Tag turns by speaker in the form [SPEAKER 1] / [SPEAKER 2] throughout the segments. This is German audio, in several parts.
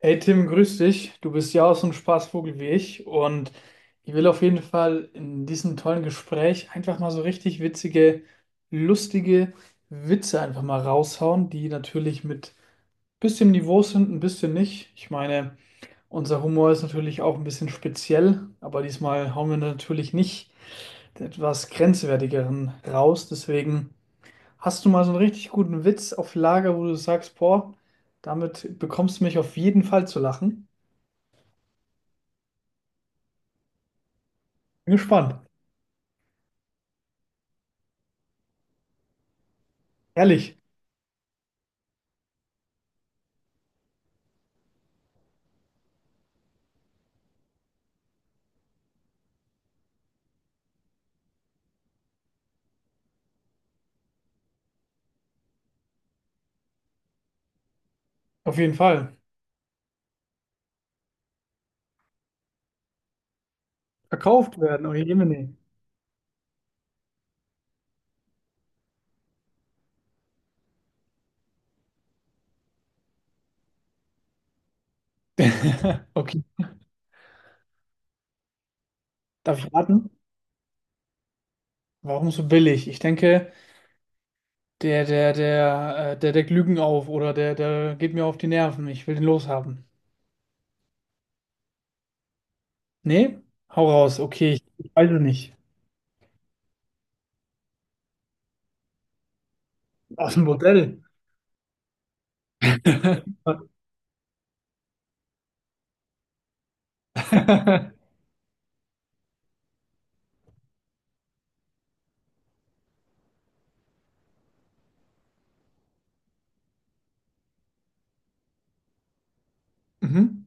[SPEAKER 1] Hey Tim, grüß dich. Du bist ja auch so ein Spaßvogel wie ich und ich will auf jeden Fall in diesem tollen Gespräch einfach mal so richtig witzige, lustige Witze einfach mal raushauen, die natürlich mit bisschen Niveau sind, ein bisschen nicht. Ich meine, unser Humor ist natürlich auch ein bisschen speziell, aber diesmal hauen wir natürlich nicht den etwas grenzwertigeren raus. Deswegen hast du mal so einen richtig guten Witz auf Lager, wo du sagst, boah, damit bekommst du mich auf jeden Fall zu lachen. Bin gespannt. Ehrlich, auf jeden Fall. Verkauft werden, oh Jemine. Okay, darf ich raten? Warum so billig? Ich denke, der deckt Lügen auf oder der geht mir auf die Nerven. Ich will den loshaben. Nee? Hau raus. Okay, ich weiß es nicht. Aus dem Modell. Mhm.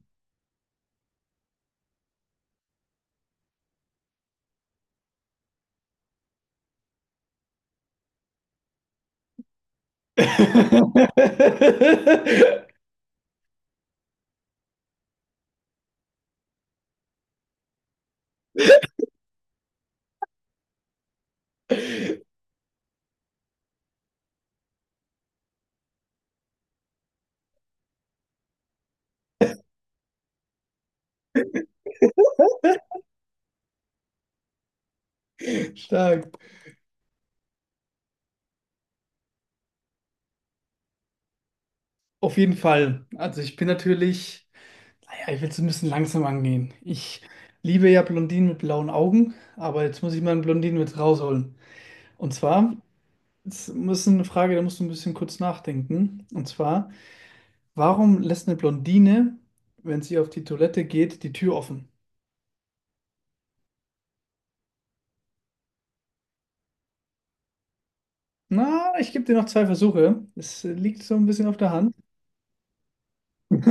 [SPEAKER 1] Stark. Auf jeden Fall. Also ich bin natürlich. Naja, ich will es ein bisschen langsam angehen. Ich liebe ja Blondinen mit blauen Augen, aber jetzt muss ich mal einen Blondinen mit rausholen. Und zwar, es ist eine Frage, da musst du ein bisschen kurz nachdenken. Und zwar, warum lässt eine Blondine, wenn sie auf die Toilette geht, die Tür offen? Na, ich gebe dir noch zwei Versuche. Es liegt so ein bisschen auf der Hand.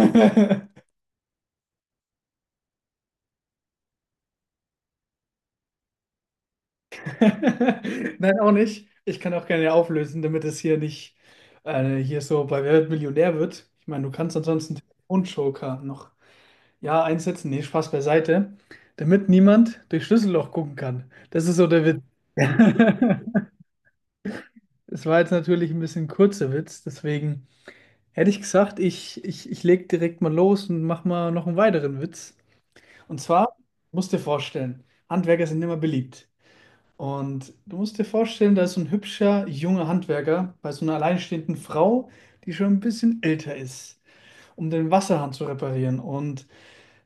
[SPEAKER 1] Nein, auch nicht. Ich kann auch gerne auflösen, damit es hier nicht hier so bei Wer wird Millionär wird. Ich meine, du kannst ansonsten den Joker noch. Ja, einsetzen, nee, Spaß beiseite, damit niemand durch Schlüsselloch gucken kann. Das ist so der Witz. Es war jetzt natürlich ein bisschen kurzer Witz, deswegen hätte ich gesagt, ich leg direkt mal los und mach mal noch einen weiteren Witz. Und zwar, musst dir vorstellen, Handwerker sind immer beliebt. Und du musst dir vorstellen, da ist so ein hübscher, junger Handwerker bei so einer alleinstehenden Frau, die schon ein bisschen älter ist, um den Wasserhahn zu reparieren. Und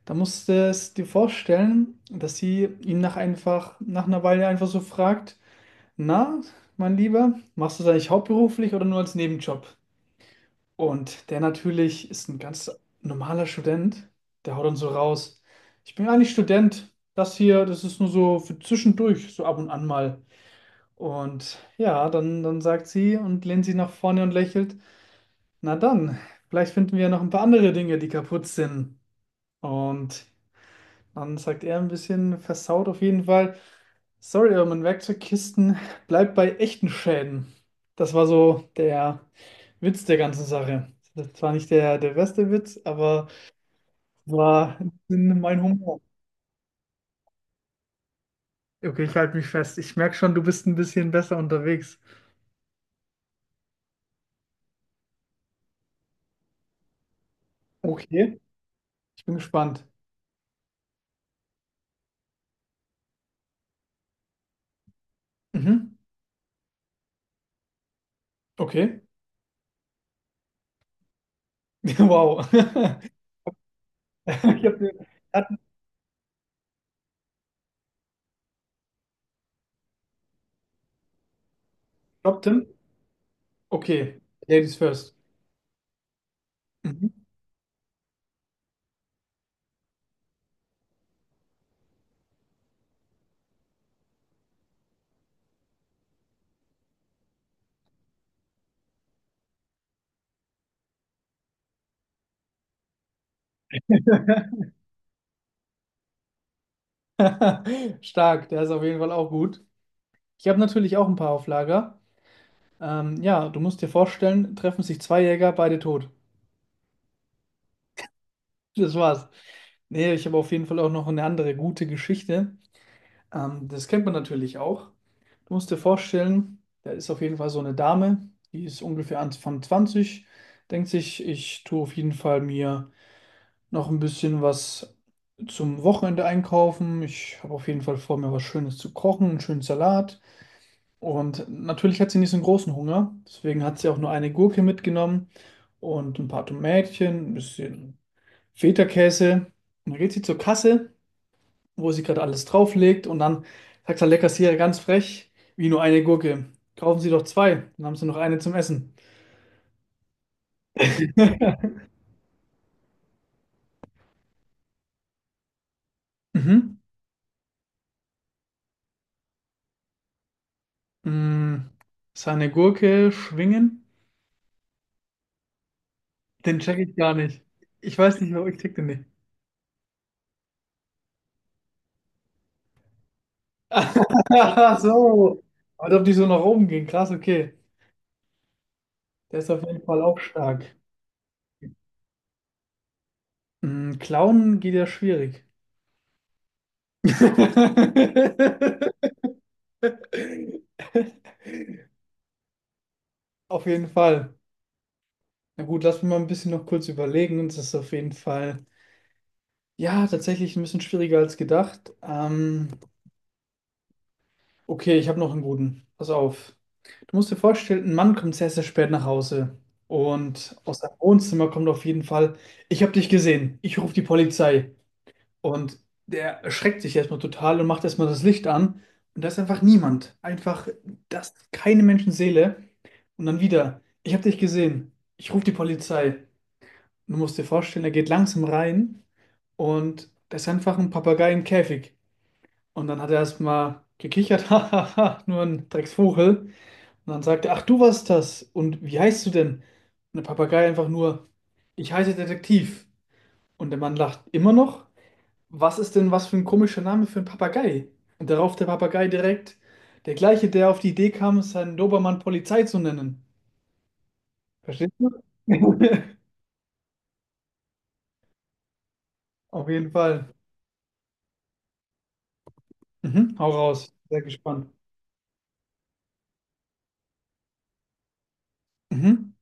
[SPEAKER 1] da musst du es dir vorstellen, dass sie ihn nach einfach, nach einer Weile einfach so fragt, na, mein Lieber, machst du das eigentlich hauptberuflich oder nur als Nebenjob? Und der natürlich ist ein ganz normaler Student, der haut dann so raus, ich bin eigentlich Student, das hier, das ist nur so für zwischendurch, so ab und an mal. Und ja, dann sagt sie und lehnt sie nach vorne und lächelt, na dann, vielleicht finden wir ja noch ein paar andere Dinge, die kaputt sind. Und dann sagt er ein bisschen versaut auf jeden Fall. Sorry, aber mein Werkzeugkisten bleibt bei echten Schäden. Das war so der Witz der ganzen Sache. Das war nicht der beste Witz, aber war in mein Humor. Okay, ich halte mich fest. Ich merke schon, du bist ein bisschen besser unterwegs. Okay, ich bin gespannt. Mhm. Okay. Wow. Ich habe den Platten Job, Tim. Okay, Ladies first. Mhm. Stark, der ist auf jeden Fall auch gut. Ich habe natürlich auch ein paar auf Lager. Ja, du musst dir vorstellen, treffen sich zwei Jäger, beide tot. Das war's. Nee, ich habe auf jeden Fall auch noch eine andere gute Geschichte. Das kennt man natürlich auch. Du musst dir vorstellen, da ist auf jeden Fall so eine Dame, die ist ungefähr Anfang 20. Denkt sich, ich tue auf jeden Fall mir noch ein bisschen was zum Wochenende einkaufen. Ich habe auf jeden Fall vor, mir was Schönes zu kochen, einen schönen Salat. Und natürlich hat sie nicht so einen großen Hunger. Deswegen hat sie auch nur eine Gurke mitgenommen und ein paar Tomätchen, ein bisschen Feta-Käse. Und dann geht sie zur Kasse, wo sie gerade alles drauflegt. Und dann sagt der Kassierer ganz frech, wie nur eine Gurke. Kaufen Sie doch zwei, dann haben Sie noch eine zum Essen. Mhm. Mm, seine Gurke schwingen? Den check ich gar nicht. Ich weiß nicht, warum ich check den nicht. Ach so. Als ob die so nach oben gehen. Krass, okay. Der ist auf jeden Fall auch stark. Mm, Klauen geht ja schwierig. Auf jeden Fall. Na gut, lass mich mal ein bisschen noch kurz überlegen. Das ist auf jeden Fall, ja, tatsächlich ein bisschen schwieriger als gedacht. Okay, ich habe noch einen guten. Pass auf. Du musst dir vorstellen, ein Mann kommt sehr, sehr spät nach Hause. Und aus seinem Wohnzimmer kommt auf jeden Fall, ich habe dich gesehen, ich rufe die Polizei. Und der erschreckt sich erstmal total und macht erstmal das Licht an. Und da ist einfach niemand. Einfach, das keine Menschenseele. Und dann wieder, ich habe dich gesehen. Ich rufe die Polizei. Und du musst dir vorstellen, er geht langsam rein und da ist einfach ein Papagei im Käfig. Und dann hat er erstmal gekichert, hahaha, nur ein Drecksvogel. Und dann sagt er, ach, du warst das. Und wie heißt du denn? Und der Papagei einfach nur, ich heiße Detektiv. Und der Mann lacht immer noch, was ist denn was für ein komischer Name für einen Papagei? Und darauf der Papagei direkt, der gleiche, der auf die Idee kam, seinen Dobermann Polizei zu nennen. Verstehst du? Auf jeden Fall. Mhm, hau raus. Sehr gespannt. Mhm.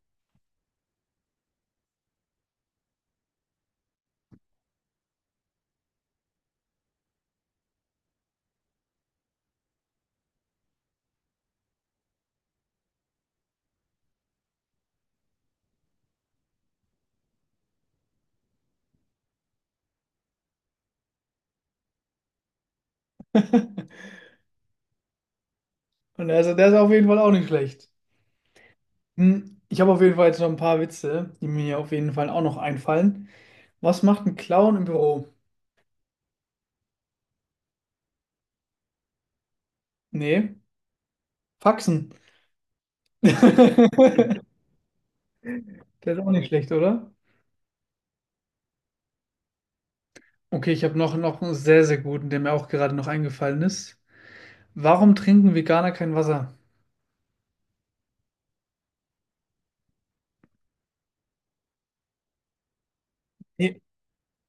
[SPEAKER 1] Und also der ist auf jeden Fall auch nicht schlecht. Hm, ich habe auf jeden Fall jetzt noch ein paar Witze, die mir auf jeden Fall auch noch einfallen. Was macht ein Clown im Büro? Nee, Faxen. Der ist auch nicht schlecht, oder? Okay, ich habe noch, noch einen sehr, sehr guten, der mir auch gerade noch eingefallen ist. Warum trinken Veganer kein Wasser? Nee,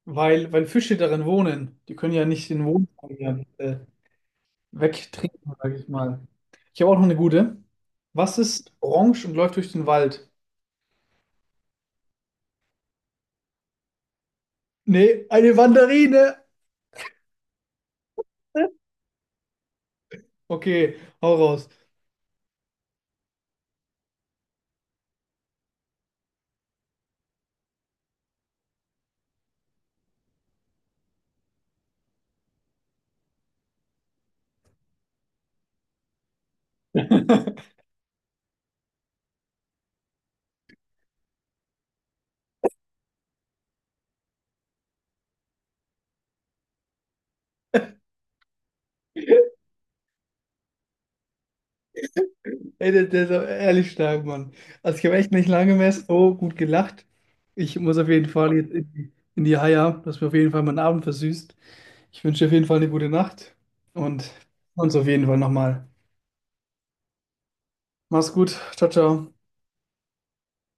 [SPEAKER 1] weil Fische darin wohnen. Die können ja nicht den Wohnraum ja, wegtrinken, sage ich mal. Ich habe auch noch eine gute. Was ist orange und läuft durch den Wald? Nee, eine Mandarine. Okay, hau raus. Ey, der ist aber ehrlich stark, Mann. Also ich habe echt nicht lange mehr so gut gelacht. Ich muss auf jeden Fall jetzt in die Haia, dass mir auf jeden Fall meinen Abend versüßt. Ich wünsche dir auf jeden Fall eine gute Nacht und uns auf jeden Fall nochmal. Mach's gut. Ciao, ciao.